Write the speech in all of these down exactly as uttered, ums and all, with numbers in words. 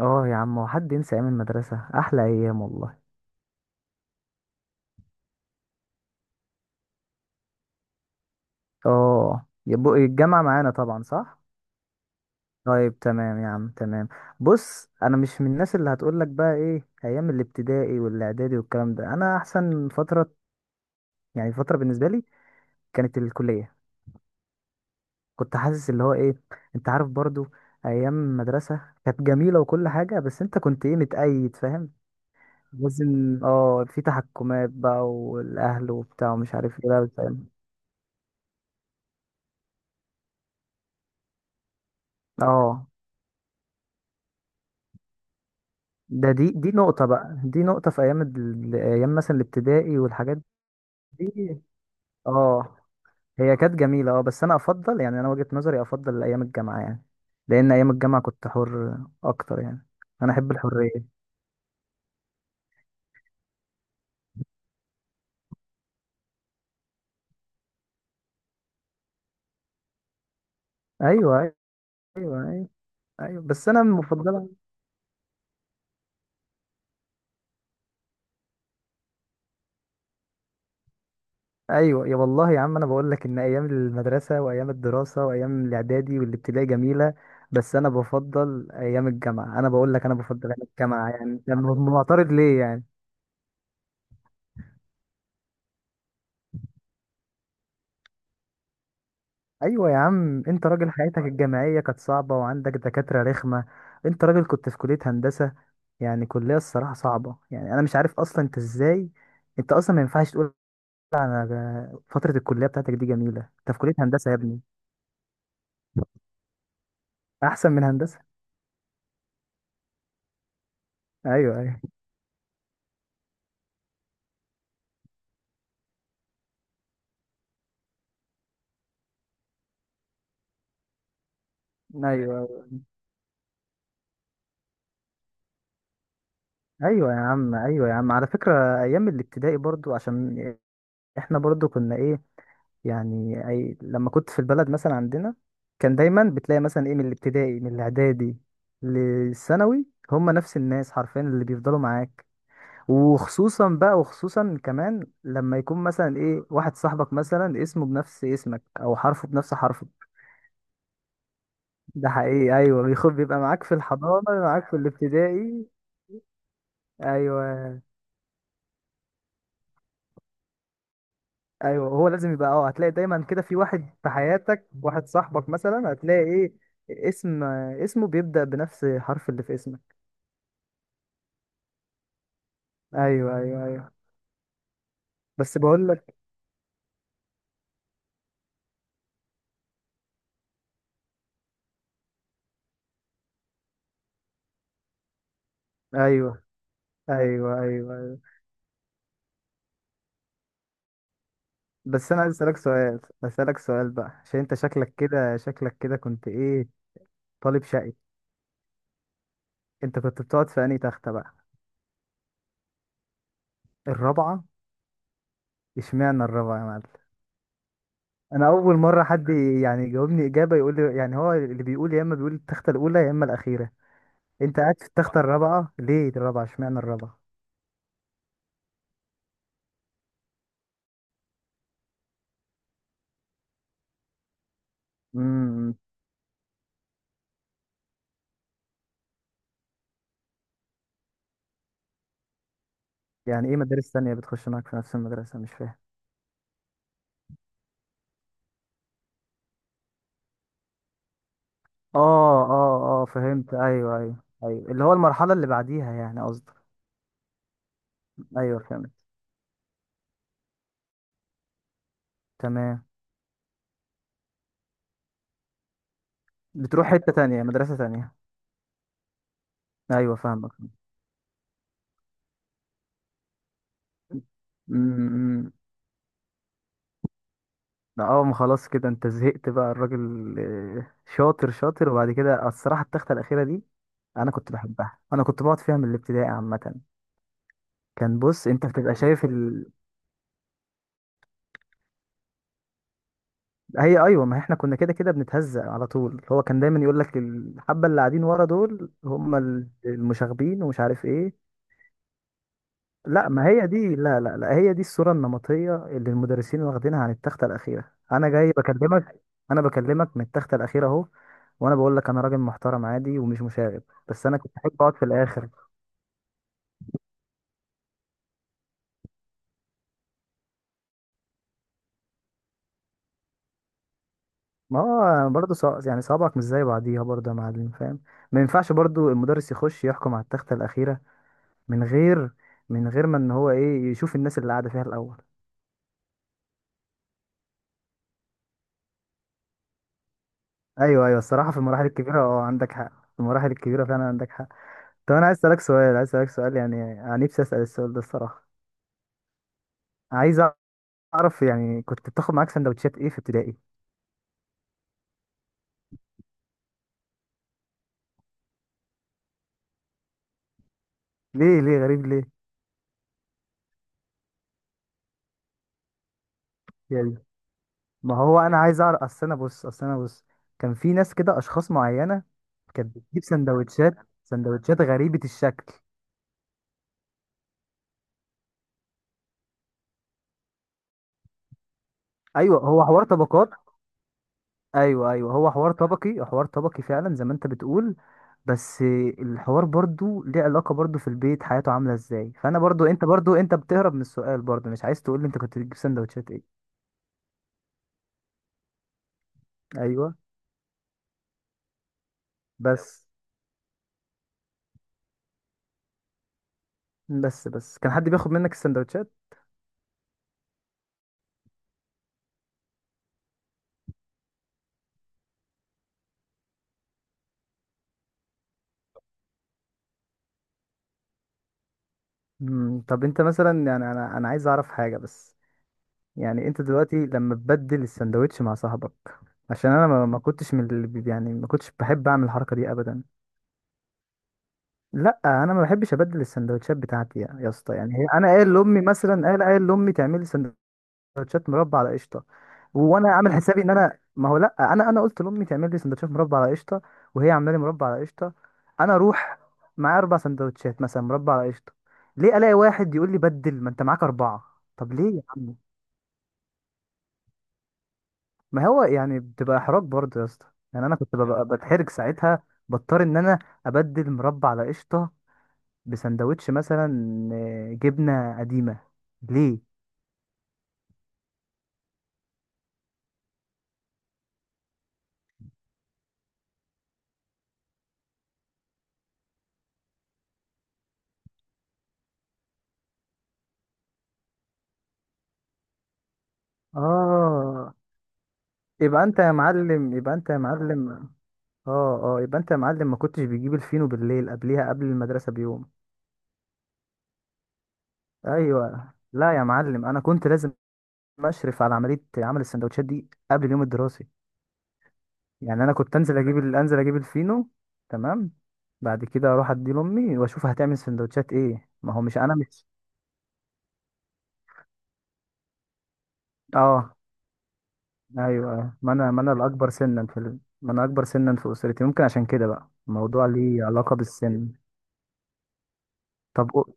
اه يا عم، هو حد ينسى ايام المدرسة؟ احلى ايام والله. اه، يبقى الجامعة معانا طبعا، صح. طيب تمام يا عم، تمام. بص، انا مش من الناس اللي هتقولك بقى ايه ايام الابتدائي والاعدادي والكلام ده. انا احسن فترة، يعني فترة بالنسبة لي كانت الكلية. كنت حاسس اللي هو ايه، انت عارف برضو. ايام المدرسة كانت جميلة وكل حاجة، بس انت كنت ايه، متقيد، فاهم؟ لازم اه في تحكمات بقى، والاهل وبتاع ومش عارف ايه بقى بتاع. اه، ده دي دي نقطة بقى، دي نقطة في أيام ال- أيام مثلا الابتدائي والحاجات دي. اه، هي كانت جميلة اه، بس أنا أفضل، يعني أنا وجهة نظري أفضل أيام الجامعة، يعني لأن أيام الجامعة كنت حر أكتر يعني. أنا أحب الحرية. أيوه، أيوه، أيوه، أيوه، بس أنا مفضلة. أيوه يا والله يا عم، أنا بقول لك إن أيام المدرسة وأيام الدراسة وأيام الإعدادي والابتدائي جميلة، بس أنا بفضل أيام الجامعة. أنا بقول لك أنا بفضل أيام الجامعة، يعني أنت معترض ليه يعني؟ ايوه يا عم، انت راجل حياتك الجامعيه كانت صعبه وعندك دكاتره رخمه. انت راجل كنت في كليه هندسه، يعني كليه الصراحه صعبه يعني. انا مش عارف اصلا انت ازاي، انت اصلا ما ينفعش تقول على فتره الكليه بتاعتك دي جميله. انت في كليه هندسه يا ابني. احسن من هندسه؟ ايوه، ايوه، ايوه. ايوه يا عم، ايوه يا عم، على فكره ايام الابتدائي برضو عشان احنا برضو كنا ايه، يعني أي لما كنت في البلد مثلا عندنا كان دايما بتلاقي مثلا ايه، من الابتدائي من الاعدادي للثانوي هم نفس الناس حرفيا اللي بيفضلوا معاك. وخصوصا بقى، وخصوصا كمان لما يكون مثلا ايه، واحد صاحبك مثلا اسمه بنفس اسمك او حرفه بنفس حرفك. ده حقيقي، ايوه بيخب بيبقى معاك في الحضانه، معاك في الابتدائي. ايوه، ايوه، هو لازم يبقى اه، هتلاقي دايما كده في واحد في حياتك، واحد صاحبك مثلا هتلاقي ايه، اسم اسمه بيبدأ بنفس حرف اللي في اسمك. ايوه، ايوه، ايوه، بس بقول لك. ايوه، ايوه، ايوه، ايوه، بس انا عايز اسالك سؤال اسالك سؤال بقى، عشان انت شكلك كده شكلك كده كنت ايه، طالب شقي. انت كنت بتقعد في انهي تخته بقى؟ الرابعه؟ اشمعنى الرابعه يا معلم؟ انا اول مره حد يعني يجاوبني اجابه يقول لي، يعني هو اللي بيقول يا اما بيقول التخته الاولى يا اما الاخيره. انت قاعد في التخته الرابعه ليه؟ الرابعه، اشمعنى الرابعه؟ امم. يعني ايه مدارس تانية بتخش معاك في نفس المدرسه؟ مش فاهم. اه، اه، اه، فهمت، ايوه، ايوه. ايوه، اللي هو المرحلة اللي بعديها يعني قصدك. ايوه، فهمت، تمام. بتروح حتة تانية، مدرسة تانية. ايوه، فاهمك. امم. لا اه، ما خلاص كده انت زهقت بقى الراجل. آه، شاطر شاطر. وبعد كده الصراحة التختة الأخيرة دي انا كنت بحبها، انا كنت بقعد فيها من الابتدائي عامة. كان بص انت بتبقى شايف ال... هي ايوه، ما احنا كنا كده كده بنتهزق على طول. هو كان دايما يقول لك الحبة اللي قاعدين ورا دول هم ال- المشاغبين ومش عارف ايه. لا ما هي دي، لا، لا، لا، هي دي الصورة النمطية اللي المدرسين واخدينها عن التختة الأخيرة. أنا جاي بكلمك، أنا بكلمك من التختة الأخيرة أهو، وأنا بقول لك أنا راجل محترم عادي ومش مشاغب، بس أنا كنت أحب أقعد في الآخر. ما هو برضه صع... يعني صوابعك مش زي بعضيها برضه يا معلم، فاهم؟ ما ينفعش برضه المدرس يخش يحكم على التختة الأخيرة من غير، من غير ما إن هو إيه يشوف الناس اللي قاعدة فيها الأول. أيوه، أيوه، الصراحة في المراحل الكبيرة أه عندك حق، في المراحل الكبيرة فعلا عندك حق. طب انا عايز اسالك سؤال عايز اسالك سؤال، يعني انا نفسي اسال السؤال ده الصراحه. عايز اعرف، يعني كنت بتاخد معاك سندوتشات ايه في ابتدائي؟ ليه، ليه غريب ليه؟ يعني ما هو انا عايز اعرف، اصل انا بص اصل انا بص كان في ناس كده اشخاص معينه كانت بتجيب سندوتشات، سندوتشات غريبه الشكل. ايوه، هو حوار طبقات. ايوه، ايوه، هو حوار طبقي، حوار طبقي فعلا زي ما انت بتقول. بس الحوار برضو ليه علاقة برضو في البيت حياته عاملة ازاي، فانا برضو انت برضو انت بتهرب من السؤال برضو، مش عايز تقول لي انت كنت بتجيب سندوتشات ايه. ايوه، بس بس بس كان حد بياخد منك السندوتشات؟ مم، طب انت مثلا، يعني انا انا عايز اعرف حاجة بس، يعني انت دلوقتي لما تبدل السندوتش مع صاحبك، عشان انا ما ما كنتش من اللي بي-، يعني ما كنتش بحب اعمل الحركة دي ابدا. لا انا ما بحبش ابدل السندوتشات بتاعتي يا، يا اسطى، يعني هي-، انا قايل لامي مثلا، قايل قايل لامي تعملي لي سندوتشات مربى على قشطه. وانا عامل حسابي ان انا ما هو لا انا، انا قلت لامي تعمل لي سندوتشات مربى على قشطه، وهي عامله لي مربى على قشطه، انا اروح معايا اربع سندوتشات مثلا مربى على قشطه، ليه الاقي واحد يقول لي بدل ما انت معاك اربعه. طب ليه يا عم؟ ما هو يعني بتبقى احراج برضه يا اسطى، يعني انا كنت ببقى بتحرج ساعتها، بضطر ان انا ابدل مربى على قشطه بسندوتش مثلا آه، جبنة قديمة، ليه؟ اه، يبقى انت يا معلم يبقى انت يا معلم اه، اه، يبقى انت يا معلم ما كنتش بتجيب الفينو بالليل قبليها، قبل المدرسة بيوم. ايوه، لا يا معلم، انا كنت لازم اشرف على عملية عمل السندوتشات دي قبل اليوم الدراسي. يعني انا كنت انزل اجيب ال- انزل اجيب الفينو تمام. بعد كده اروح ادي لامي واشوف هتعمل سندوتشات ايه، ما هو مش انا مش. اه، ايوه، أيوة. ما انا، ما انا الاكبر سنا في ال...، ما انا اكبر سنا في اسرتي. ممكن عشان كده بقى الموضوع ليه علاقه بالسن. طب أو-،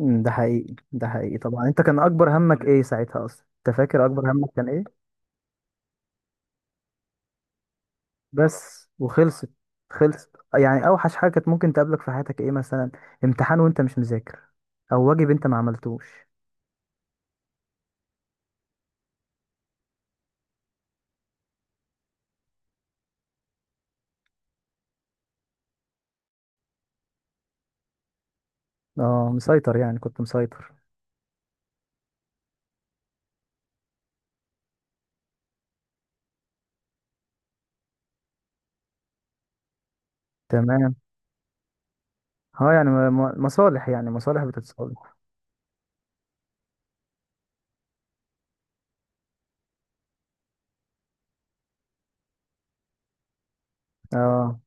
أمم، ده حقيقي، ده حقيقي طبعا. انت كان اكبر همك ايه ساعتها اصلا؟ انت فاكر اكبر همك كان ايه؟ بس وخلصت؟ خلصت يعني، اوحش حاجه كانت ممكن تقابلك في حياتك ايه مثلا؟ امتحان وانت مش مذاكر، او واجب انت ما عملتوش؟ اه، مسيطر، يعني كنت مسيطر. تمام. اه، يعني م-، م-، مصالح يعني، مصالح بتتصالح. اه،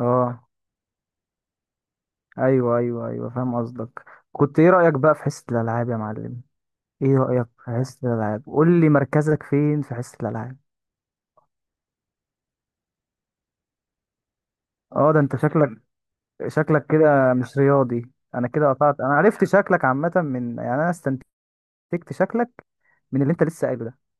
اه، ايوه، ايوه، ايوه، فاهم قصدك. كنت ايه رأيك بقى في حصة الالعاب يا معلم؟ ايه رأيك في حصة الالعاب، قول لي مركزك فين في حصة الالعاب؟ اه ده انت شكلك، شكلك كده مش رياضي. انا كده قطعت، انا عرفت شكلك عامة، من يعني انا استنتجت شكلك من اللي انت لسه قايله ده.